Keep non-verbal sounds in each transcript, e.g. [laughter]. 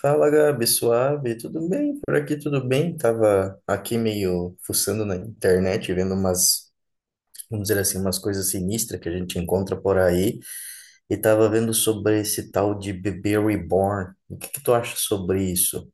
Fala, Gabi, suave, tudo bem? Por aqui tudo bem? Tava aqui meio fuçando na internet, vendo umas, vamos dizer assim, umas coisas sinistras que a gente encontra por aí, e tava vendo sobre esse tal de bebê reborn. O que que tu acha sobre isso?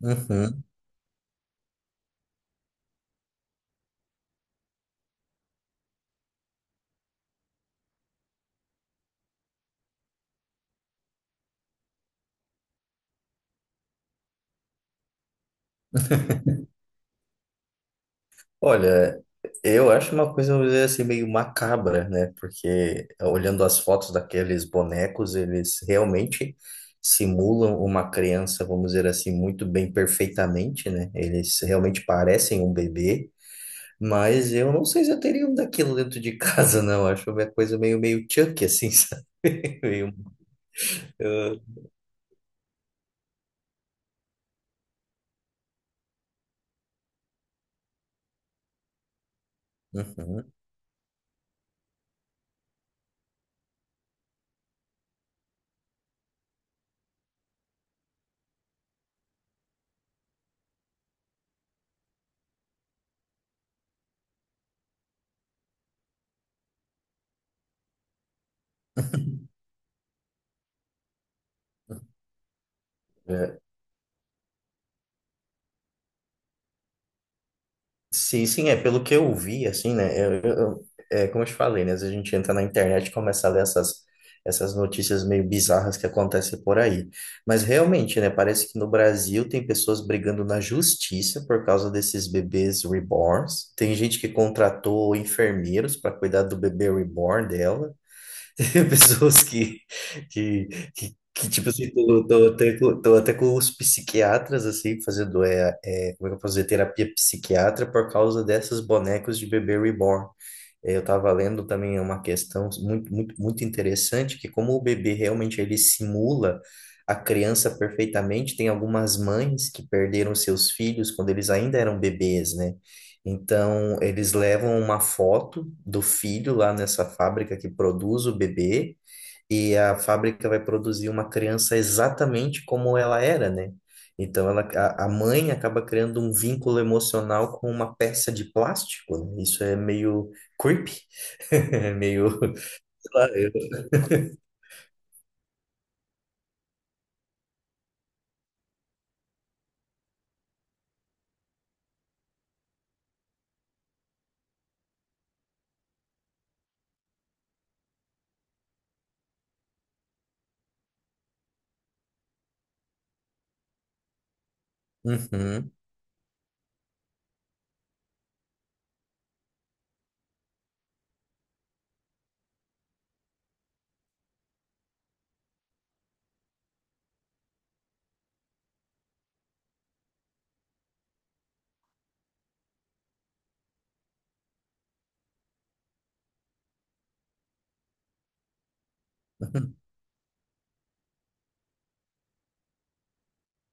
Uhum. Olha, eu acho uma coisa, vamos dizer assim, meio macabra, né? Porque olhando as fotos daqueles bonecos, eles realmente simulam uma criança, vamos dizer assim, muito bem, perfeitamente, né? Eles realmente parecem um bebê, mas eu não sei se eu teria um daquilo dentro de [laughs] casa, não. Acho uma coisa meio, meio Chucky, assim, [laughs] sabe? Meio... Uhum. [laughs] É. Sim, sim, é pelo que eu vi, assim, né? Eu é como eu te falei, né? Às vezes a gente entra na internet e começa a ler essas, essas notícias meio bizarras que acontecem por aí. Mas realmente, né? Parece que no Brasil tem pessoas brigando na justiça por causa desses bebês reborns. Tem gente que contratou enfermeiros para cuidar do bebê reborn dela. [laughs] pessoas que, que tipo assim, tô até com os psiquiatras, assim, fazendo, como é que eu posso dizer, terapia psiquiatra por causa dessas bonecos de bebê reborn. É, eu estava lendo também uma questão muito, muito, muito interessante, que como o bebê realmente ele simula a criança perfeitamente, tem algumas mães que perderam seus filhos quando eles ainda eram bebês, né? Então, eles levam uma foto do filho lá nessa fábrica que produz o bebê, e a fábrica vai produzir uma criança exatamente como ela era, né? Então a mãe acaba criando um vínculo emocional com uma peça de plástico, né? Isso é meio creepy, [laughs] é meio... sei lá, eu- Uhum,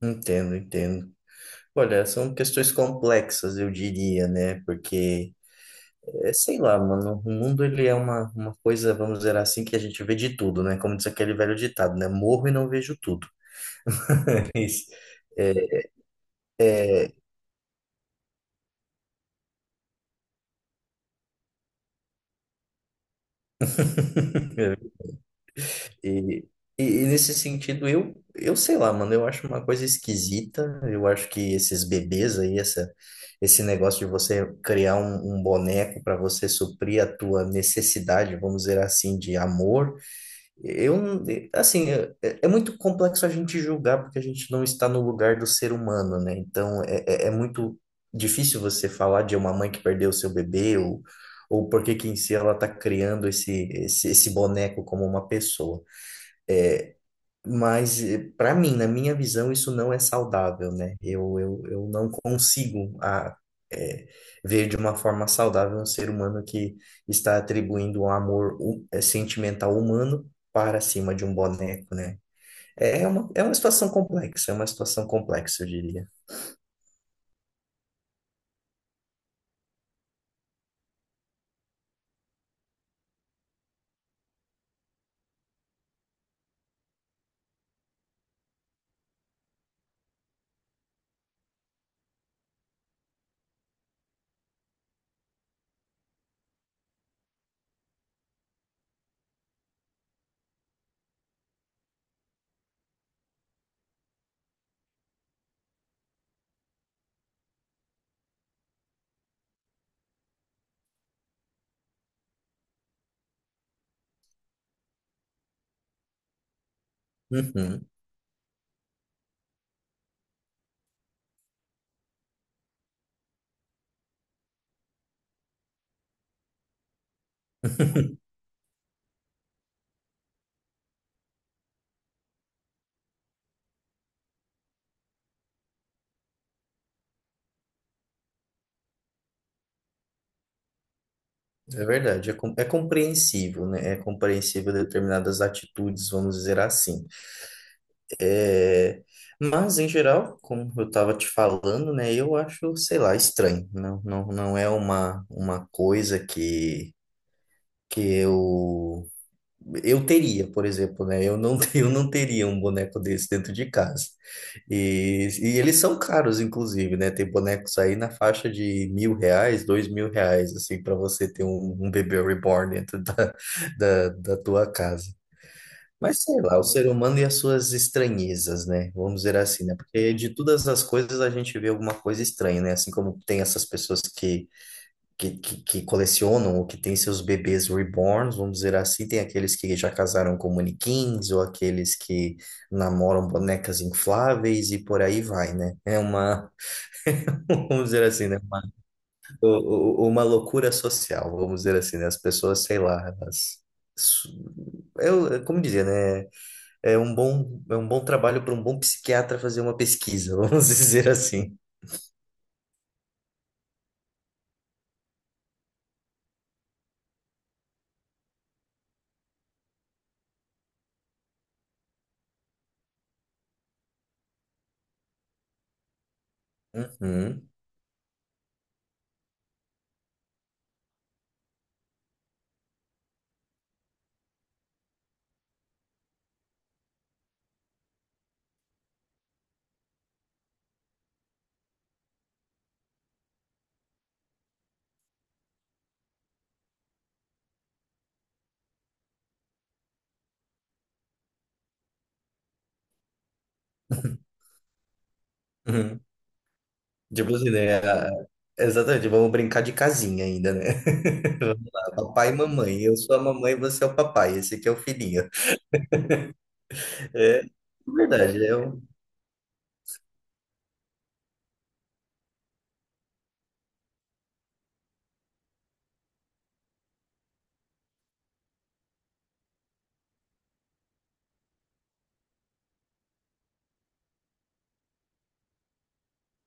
entendo, entendo. Olha, são questões complexas, eu diria, né? Porque, é, sei lá, mano, o mundo ele é uma coisa, vamos dizer assim, que a gente vê de tudo, né? Como diz aquele velho ditado, né? Morro e não vejo tudo. [laughs] Isso. É, [laughs] E, e nesse sentido, eu sei lá, mano, eu acho uma coisa esquisita. Eu acho que esses bebês aí, essa, esse negócio de você criar um, um boneco para você suprir a tua necessidade, vamos dizer assim, de amor eu, assim, é muito complexo a gente julgar porque a gente não está no lugar do ser humano, né? Então, é muito difícil você falar de uma mãe que perdeu o seu bebê ou por que que em si ela está criando esse boneco como uma pessoa. Mas, para mim, na minha visão, isso não é saudável, né? Eu não consigo a, é, ver de uma forma saudável um ser humano que está atribuindo um amor sentimental humano para cima de um boneco, né? É uma situação complexa, é uma situação complexa, eu diria. Uhum. [laughs] É verdade, é, com- é compreensível, né? É compreensível determinadas atitudes, vamos dizer assim. É, mas, em geral, como eu estava te falando, né, eu acho, sei lá, estranho. Não, não, não é uma coisa que eu teria, por exemplo, né? Eu não, [laughs] eu não teria um boneco desse dentro de casa. E eles são caros, inclusive, né? Tem bonecos aí na faixa de R$ 1.000, R$ 2.000, assim, para você ter um, um bebê reborn dentro da tua casa. Mas sei lá, o ser humano e as suas estranhezas, né? Vamos dizer assim, né? Porque de todas as coisas a gente vê alguma coisa estranha, né? Assim como tem essas pessoas que colecionam ou que têm seus bebês reborns, vamos dizer assim, tem aqueles que já casaram com manequins ou aqueles que namoram bonecas infláveis e por aí vai, né? É uma, [laughs] vamos dizer assim, né? Uma, u- uma loucura social, vamos dizer assim, né? As pessoas, sei lá, elas. Eu, como dizer, né? É um bom trabalho para um bom psiquiatra fazer uma pesquisa, [laughs] vamos dizer assim. Uhum, uhum. Tipo assim, né? a- Exatamente, vamos brincar de casinha ainda, né? [laughs] Vamos lá, papai e mamãe. Eu sou a mamãe, você é o papai. Esse aqui é o filhinho. É verdade, é um-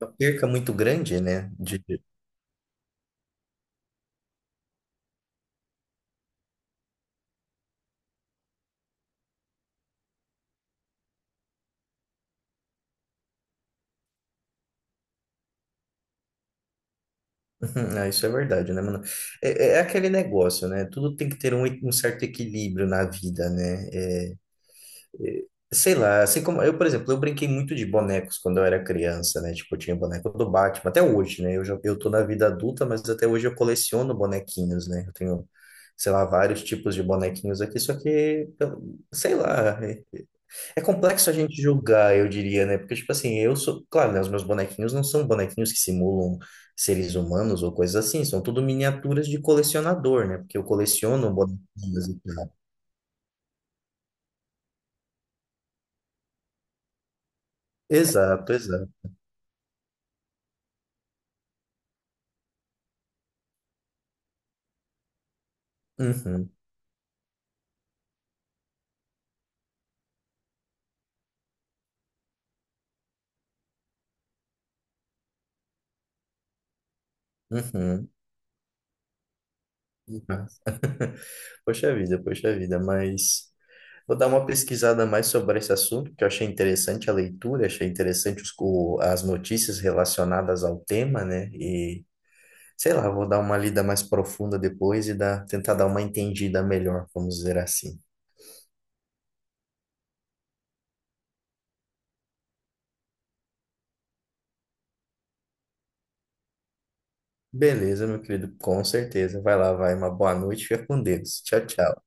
é uma perca muito grande, né? De... [laughs] Ah, isso é verdade, né, mano? É, é aquele negócio, né? Tudo tem que ter um, um certo equilíbrio na vida, né? É, sei lá, assim como eu, por exemplo, eu brinquei muito de bonecos quando eu era criança, né? Tipo, eu tinha boneco do Batman, até hoje, né? Eu já, eu tô na vida adulta, mas até hoje eu coleciono bonequinhos, né? Eu tenho, sei lá, vários tipos de bonequinhos aqui, só que, eu- sei lá, é, é complexo a gente julgar, eu diria, né? Porque, tipo assim, eu sou, claro, né? Os meus bonequinhos não são bonequinhos que simulam seres humanos ou coisas assim, são tudo miniaturas de colecionador, né? Porque eu coleciono bonequinhos e tal. Exato, exato. Uhum, uhum. Ah. [laughs] Poxa vida, mas vou dar uma pesquisada mais sobre esse assunto, que eu achei interessante a leitura, achei interessante os, o- as notícias relacionadas ao tema, né? E sei lá, vou dar uma lida mais profunda depois e dar, tentar dar uma entendida melhor, vamos dizer assim. Beleza, meu querido, com certeza. Vai lá, vai, uma boa noite, fica com Deus. Tchau, tchau.